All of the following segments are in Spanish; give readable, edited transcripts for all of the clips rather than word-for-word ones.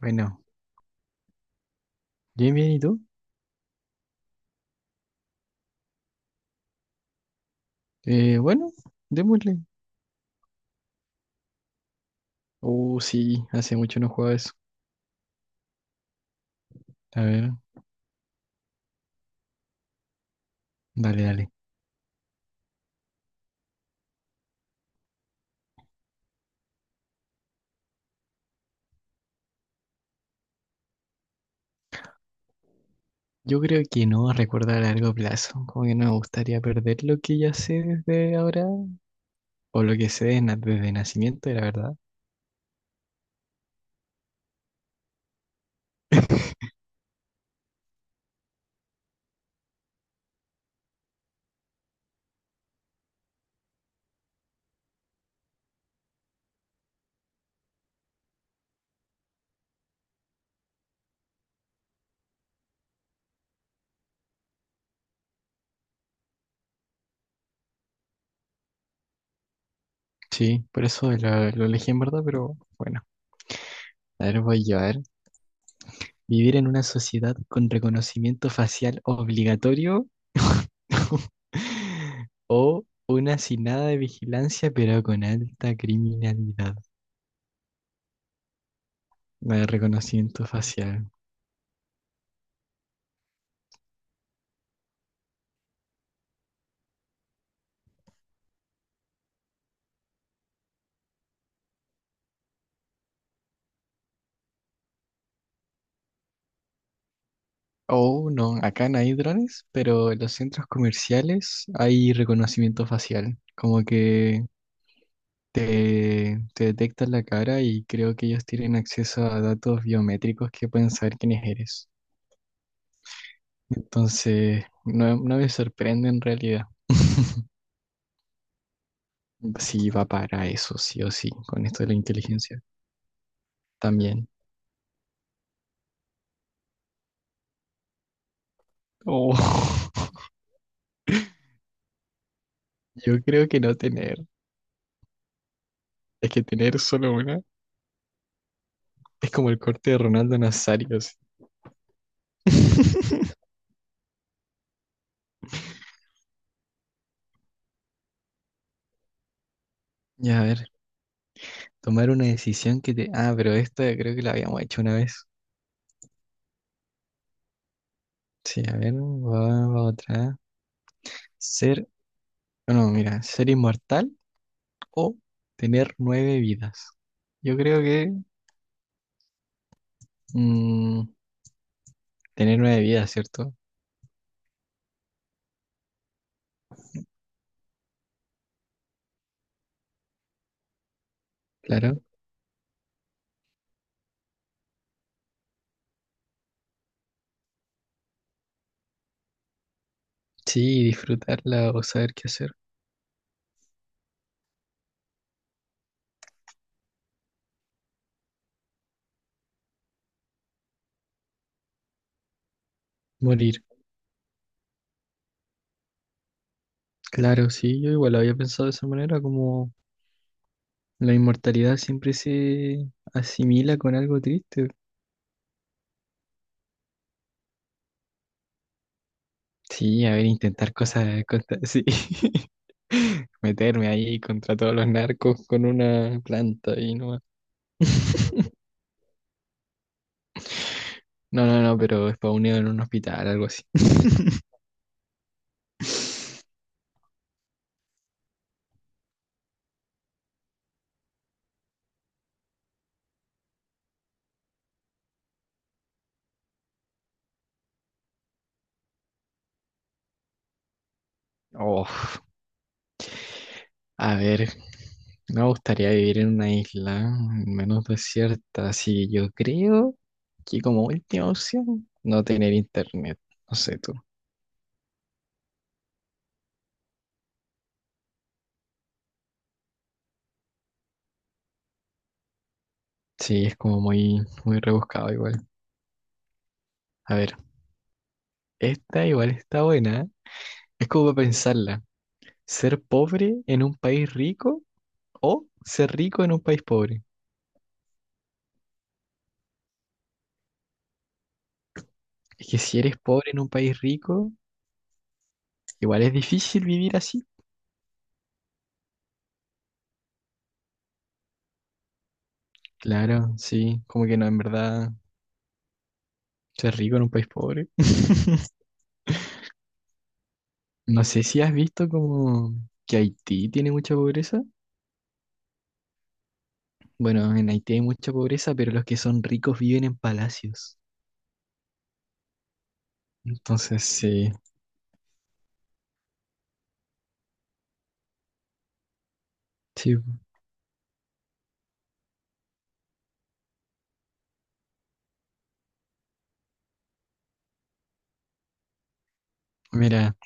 Bueno, bien, bien, ¿y tú? Bueno, démosle. Oh, sí, hace mucho no juego eso. A ver, dale, dale. Yo creo que no recuerdo a largo plazo, como que no me gustaría perder lo que ya sé desde ahora, o lo que sé desde nacimiento, la verdad. Sí, por eso lo elegí en verdad, pero bueno, a ver, voy yo, a ver. Vivir en una sociedad con reconocimiento facial obligatorio o una sin nada de vigilancia, pero con alta criminalidad. De reconocimiento facial. Oh, no, acá no hay drones, pero en los centros comerciales hay reconocimiento facial. Como que te detectan la cara y creo que ellos tienen acceso a datos biométricos que pueden saber quiénes eres. Entonces, no, no me sorprende en realidad. Sí, va para eso, sí o sí, con esto de la inteligencia también. Oh, yo creo que no tener, es que tener solo una es como el corte de Ronaldo Nazario. Ya, a ver, tomar una decisión que te... Ah, pero esta creo que la habíamos hecho una vez. Sí, a ver, va, va otra. Ser, no, mira, ser inmortal o tener nueve vidas. Yo creo que mm, tener nueve vidas, ¿cierto? Claro. Sí, disfrutarla o saber qué hacer. Morir. Claro, sí, yo igual lo había pensado de esa manera, como la inmortalidad siempre se asimila con algo triste. Sí, a ver, intentar cosas sí. Meterme ahí contra todos los narcos con una planta y nomás. No, no, no, pero es para unido en un hospital, algo así. Oh, a ver, me gustaría vivir en una isla menos desierta, así que yo creo que como última opción no tener internet, no sé tú. Sí, es como muy, muy rebuscado igual. A ver, esta igual está buena, ¿eh? Es como para pensarla. ¿Ser pobre en un país rico o ser rico en un país pobre? Es que si eres pobre en un país rico, igual es difícil vivir así. Claro, sí, como que no, en verdad, ser rico en un país pobre. No sé si has visto como que Haití tiene mucha pobreza. Bueno, en Haití hay mucha pobreza, pero los que son ricos viven en palacios. Entonces, sí, sí, mira,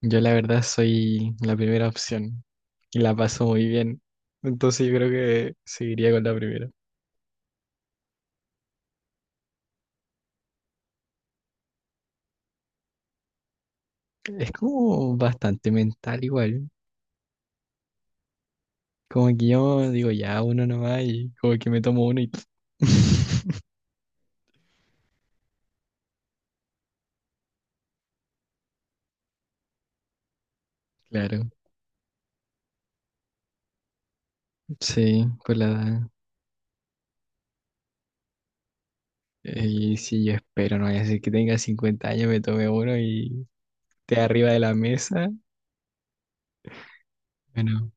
yo la verdad soy la primera opción y la paso muy bien. Entonces yo creo que seguiría con la primera. Es como bastante mental igual. Como que yo digo, ya, uno nomás y como que me tomo uno. Claro, sí, por la edad. Y si yo espero, no vaya a ser que tenga 50 años, me tome uno y esté arriba de la mesa. Bueno.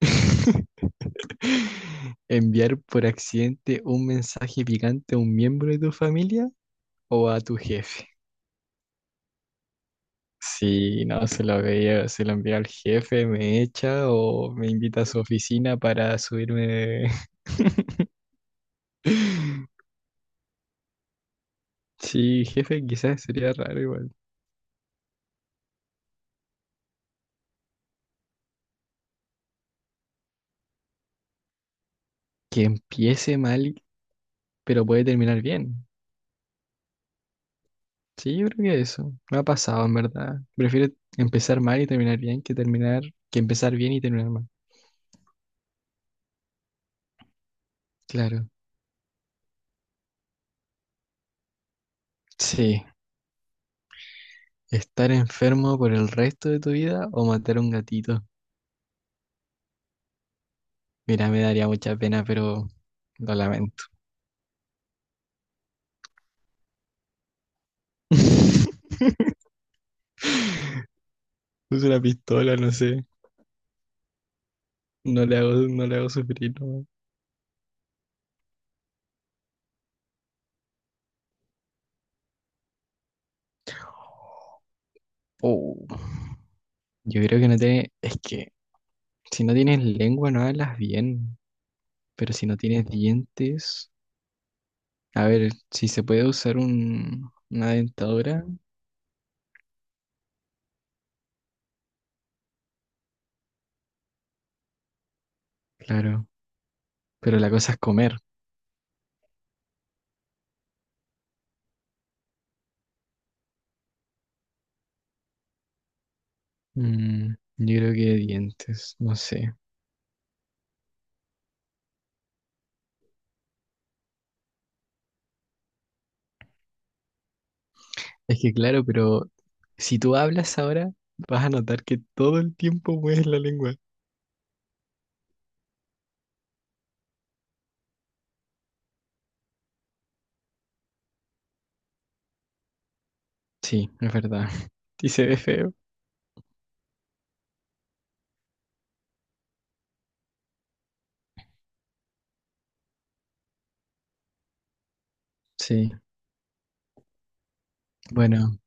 Enviar por accidente un mensaje picante a un miembro de tu familia o a tu jefe. Si no se lo veía, se lo envía al jefe, me echa o me invita a su oficina para subirme. Sí, jefe, quizás sería raro igual. Que empiece mal, pero puede terminar bien. Sí, yo creo que eso. No ha pasado, en verdad. Prefiero empezar mal y terminar bien que empezar bien y terminar mal. Claro. Sí. Estar enfermo por el resto de tu vida o matar a un gatito. Mira, me daría mucha pena, pero lo lamento. Es una pistola, no sé. No le hago, no le hago sufrir, no. Oh, yo creo que no te... Es que si no tienes lengua no hablas bien, pero si no tienes dientes. A ver, si se puede usar una dentadura, claro, pero la cosa es comer. Yo creo que dientes, no sé. Es que claro, pero si tú hablas ahora, vas a notar que todo el tiempo mueves la lengua. Sí, es verdad. Y se ve feo. Sí. Bueno,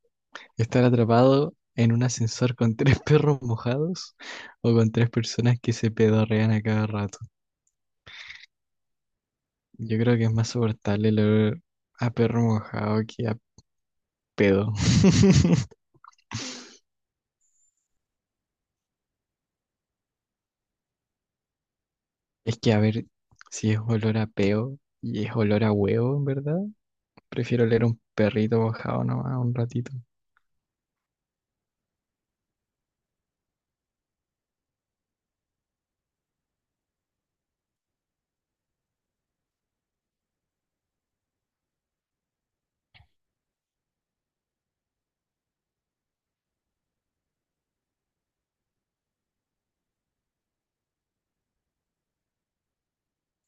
estar atrapado en un ascensor con tres perros mojados o con tres personas que se pedorrean a cada rato. Yo creo que es más soportable el olor a perro mojado que a pedo. Es que, a ver, si es olor a peo y es olor a huevo, en verdad, prefiero oler un perrito mojado nomás un ratito.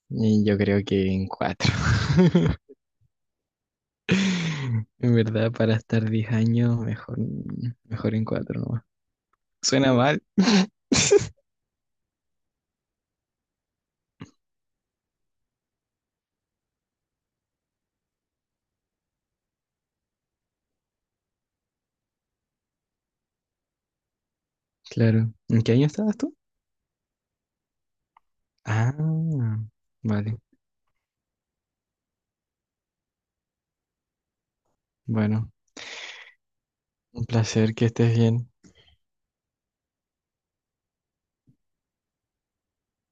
Y yo creo que en cuatro. En verdad, para estar 10 años, mejor, mejor en cuatro nomás. Suena mal. Claro. ¿En qué año estabas tú? Ah, vale. Bueno, un placer que estés bien.